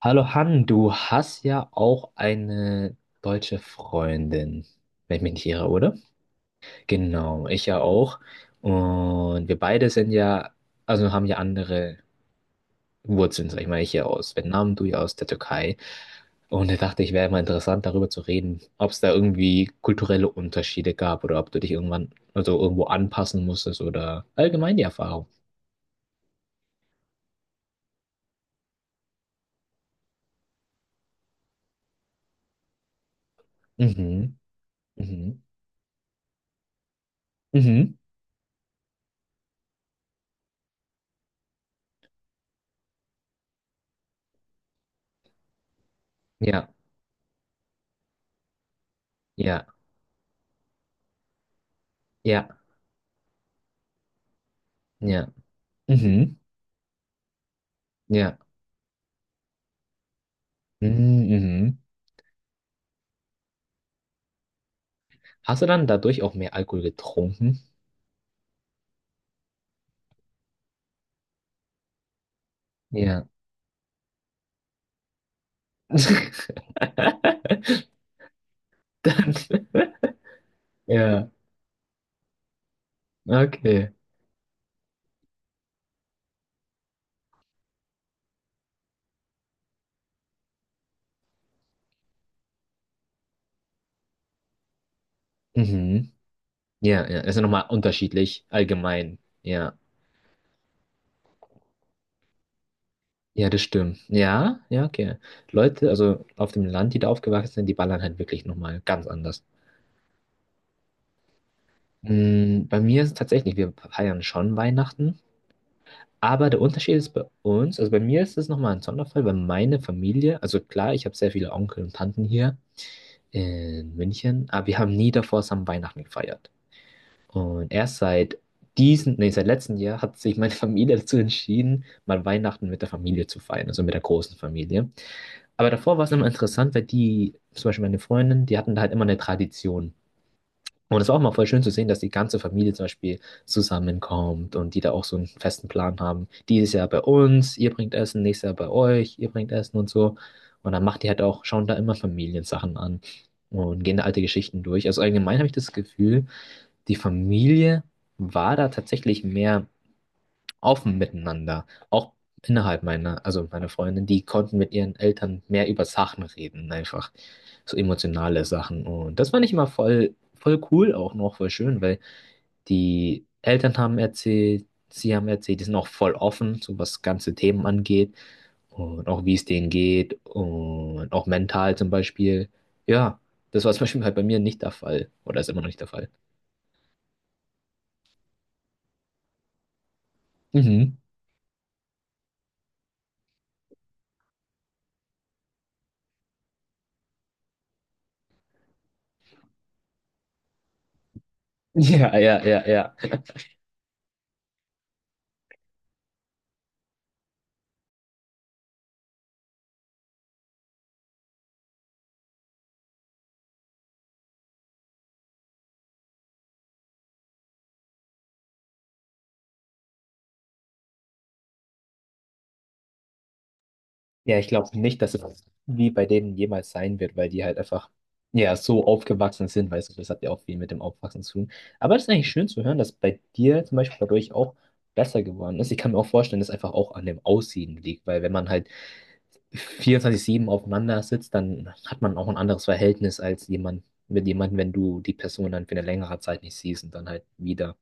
Hallo Han, du hast ja auch eine deutsche Freundin, wenn ich mich nicht irre, oder? Genau, ich ja auch. Und wir beide sind ja, also haben ja andere Wurzeln, sag ich mal, ich ja aus Vietnam, du ja aus der Türkei. Und ich dachte, ich wäre mal interessant, darüber zu reden, ob es da irgendwie kulturelle Unterschiede gab oder ob du dich irgendwann, also irgendwo anpassen musstest oder allgemein die Erfahrung. Mhm, mhm, mhm, ja, ja, ja, ja, mhm, ja. Mhm. Mhm. Hast du dann dadurch auch mehr Alkohol getrunken? Ja. Dann, ja, okay. Mhm. Ja, ja, ist ja nochmal unterschiedlich, allgemein. Ja, ja, das stimmt. Ja, ja, okay. Leute, also auf dem Land, die da aufgewachsen sind, die ballern halt wirklich nochmal ganz anders. Mm, bei mir ist es tatsächlich, wir feiern schon Weihnachten, aber der Unterschied ist bei uns, also bei mir ist es nochmal ein Sonderfall, weil meine Familie, also klar, ich habe sehr viele Onkel und Tanten hier, in München, aber wir haben nie davor zusammen Weihnachten gefeiert. Und erst seit diesem, nee, seit letztem Jahr hat sich meine Familie dazu entschieden, mal Weihnachten mit der Familie zu feiern, also mit der großen Familie. Aber davor war es immer interessant, weil die, zum Beispiel meine Freundin, die hatten da halt immer eine Tradition. Und es war auch mal voll schön zu sehen, dass die ganze Familie zum Beispiel zusammenkommt und die da auch so einen festen Plan haben. Dieses Jahr bei uns, ihr bringt Essen, nächstes Jahr bei euch, ihr bringt Essen und so. Und dann macht die halt auch, schauen da immer Familiensachen an und gehen da alte Geschichten durch. Also allgemein habe ich das Gefühl, die Familie war da tatsächlich mehr offen miteinander. Auch innerhalb meiner, also meiner Freundin, die konnten mit ihren Eltern mehr über Sachen reden, einfach so emotionale Sachen. Und das fand ich immer voll, voll cool, auch noch voll schön, weil die Eltern haben erzählt, sie haben erzählt, die sind auch voll offen, so was ganze Themen angeht und auch wie es denen geht und auch mental zum Beispiel. Ja, das war zum Beispiel halt bei mir nicht der Fall oder ist immer noch nicht der Fall. Mhm. Ja, ja, ja, ja. Ja, ich glaube nicht, dass es wie bei denen jemals sein wird, weil die halt einfach, ja, so aufgewachsen sind, weißt du, das hat ja auch viel mit dem Aufwachsen zu tun. Aber es ist eigentlich schön zu hören, dass bei dir zum Beispiel dadurch auch besser geworden ist. Ich kann mir auch vorstellen, dass es einfach auch an dem Aussehen liegt, weil wenn man halt 24/7 aufeinander sitzt, dann hat man auch ein anderes Verhältnis als jemand mit jemandem, wenn du die Person dann für eine längere Zeit nicht siehst und dann halt wieder.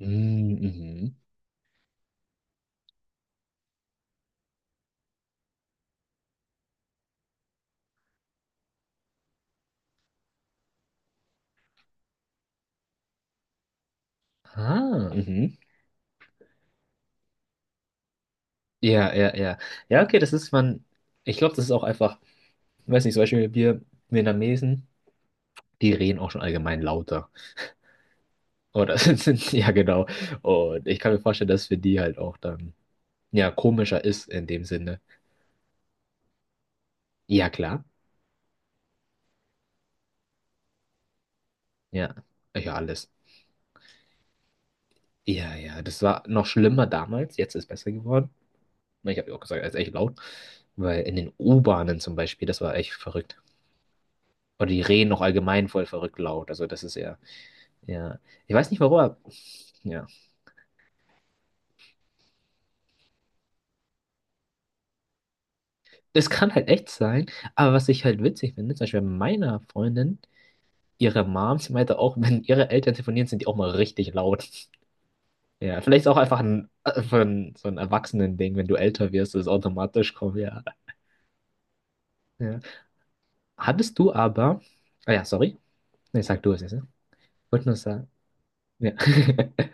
Mm. Mhm. Ah, mhm. Ja, ja, ja. Ja, okay, das ist man. Ich glaube, das ist auch einfach. Weiß nicht, zum Beispiel wir Vietnamesen, die reden auch schon allgemein lauter. Oder ja, genau. Und ich kann mir vorstellen, dass für die halt auch dann, ja, komischer ist in dem Sinne. Ja, klar. Ja, ja, alles. Ja, ja, das war noch schlimmer damals. Jetzt ist besser geworden. Ich habe ja auch gesagt, es ist echt laut. Weil in den U-Bahnen zum Beispiel, das war echt verrückt. Oder die reden noch allgemein voll verrückt laut. Also das ist ja, ja. Ich weiß nicht warum, aber, ja. Das kann halt echt sein, aber was ich halt witzig finde, zum Beispiel bei meiner Freundin, ihre Mom, sie meinte auch, wenn ihre Eltern telefonieren, sind die auch mal richtig laut. Ja, vielleicht ist auch einfach so ein Erwachsenen-Ding, wenn du älter wirst, das ist automatisch kommt, ja. Ja. Hattest du aber, ah ja, sorry, nee, sag du es jetzt, ne? Wollte nur sagen, ja.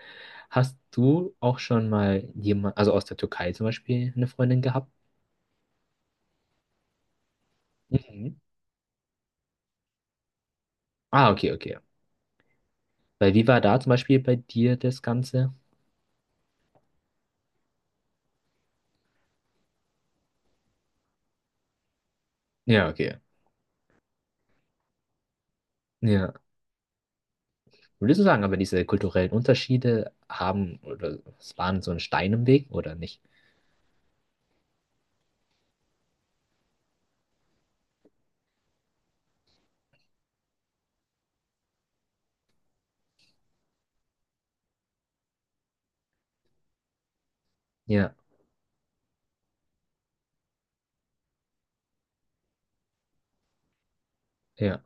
Hast du auch schon mal jemand, also aus der Türkei zum Beispiel, eine Freundin gehabt? Mhm. Ah, okay, okay. Weil wie war da zum Beispiel bei dir das Ganze? Ja, okay. Ja. Würdest du sagen, aber diese kulturellen Unterschiede haben oder es waren so ein Stein im Weg oder nicht? Ja, ja,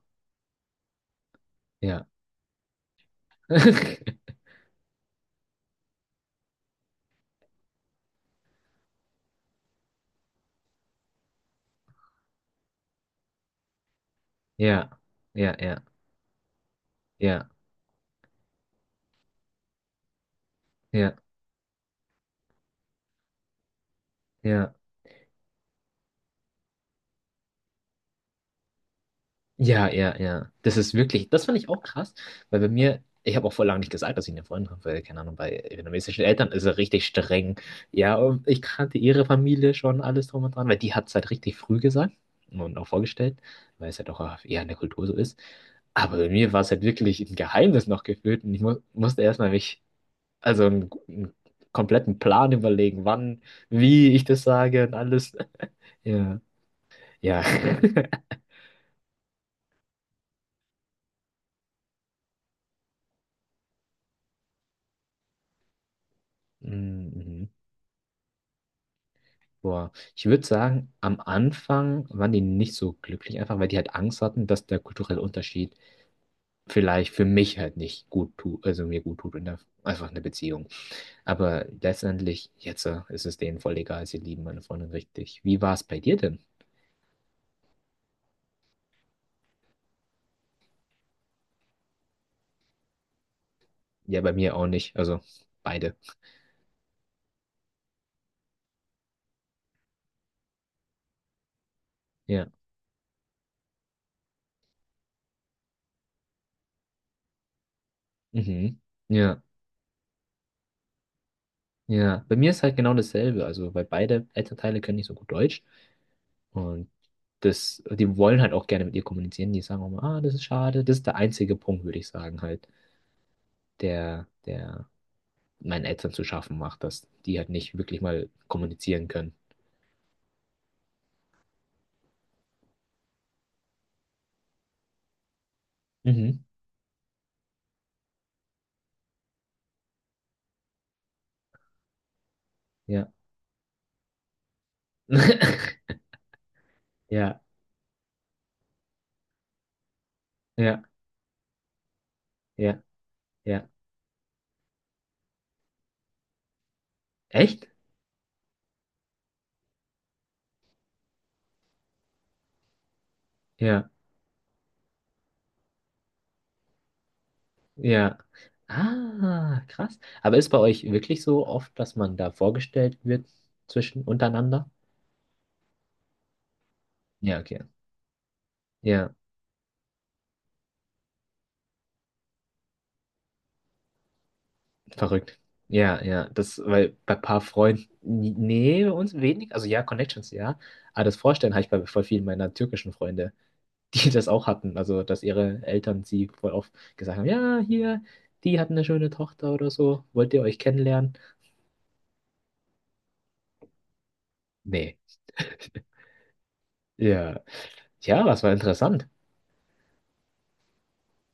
ja. Ja, ja, ja, ja, ja, ja. Ja, ja, ja. Das ist wirklich, das fand ich auch krass, weil bei mir, ich habe auch vor lange nicht gesagt, dass ich eine Freundin habe, weil, keine Ahnung, bei vietnamesischen Eltern ist er richtig streng. Ja, und ich kannte ihre Familie schon alles drum und dran, weil die hat es halt richtig früh gesagt und auch vorgestellt, weil es halt auch eher in der Kultur so ist. Aber bei mir war es halt wirklich ein Geheimnis noch gefühlt und ich mu musste erstmal mich, also einen kompletten Plan überlegen, wann, wie ich das sage und alles. Ja, ja. Mhm. Boah, ich würde sagen, am Anfang waren die nicht so glücklich, einfach weil die halt Angst hatten, dass der kulturelle Unterschied vielleicht für mich halt nicht gut tut, also mir gut tut in der, einfach eine Beziehung. Aber letztendlich, jetzt ist es denen voll egal, sie lieben meine Freundin richtig. Wie war es bei dir denn? Ja, bei mir auch nicht, also beide. Ja, mhm. Ja, ja. Bei mir ist halt genau dasselbe, also weil beide Elternteile können nicht so gut Deutsch. Und das, die wollen halt auch gerne mit ihr kommunizieren. Die sagen auch mal, ah, das ist schade. Das ist der einzige Punkt, würde ich sagen, halt, der meinen Eltern zu schaffen macht, dass die halt nicht wirklich mal kommunizieren können. Mhm. Ja. Ja, ja, ja, ja. Echt? Ja, ja. Ah, krass. Aber ist bei euch wirklich so oft, dass man da vorgestellt wird zwischen untereinander? Ja, okay. Ja. Verrückt. Ja, ja, das, weil bei ein paar Freunden, nee, bei uns wenig, also ja, Connections, ja, aber das Vorstellen habe ich bei voll vielen meiner türkischen Freunde, die das auch hatten, also dass ihre Eltern sie voll oft gesagt haben, ja, hier, die hatten eine schöne Tochter oder so, wollt ihr euch kennenlernen? Nee. Ja, ja, das war interessant.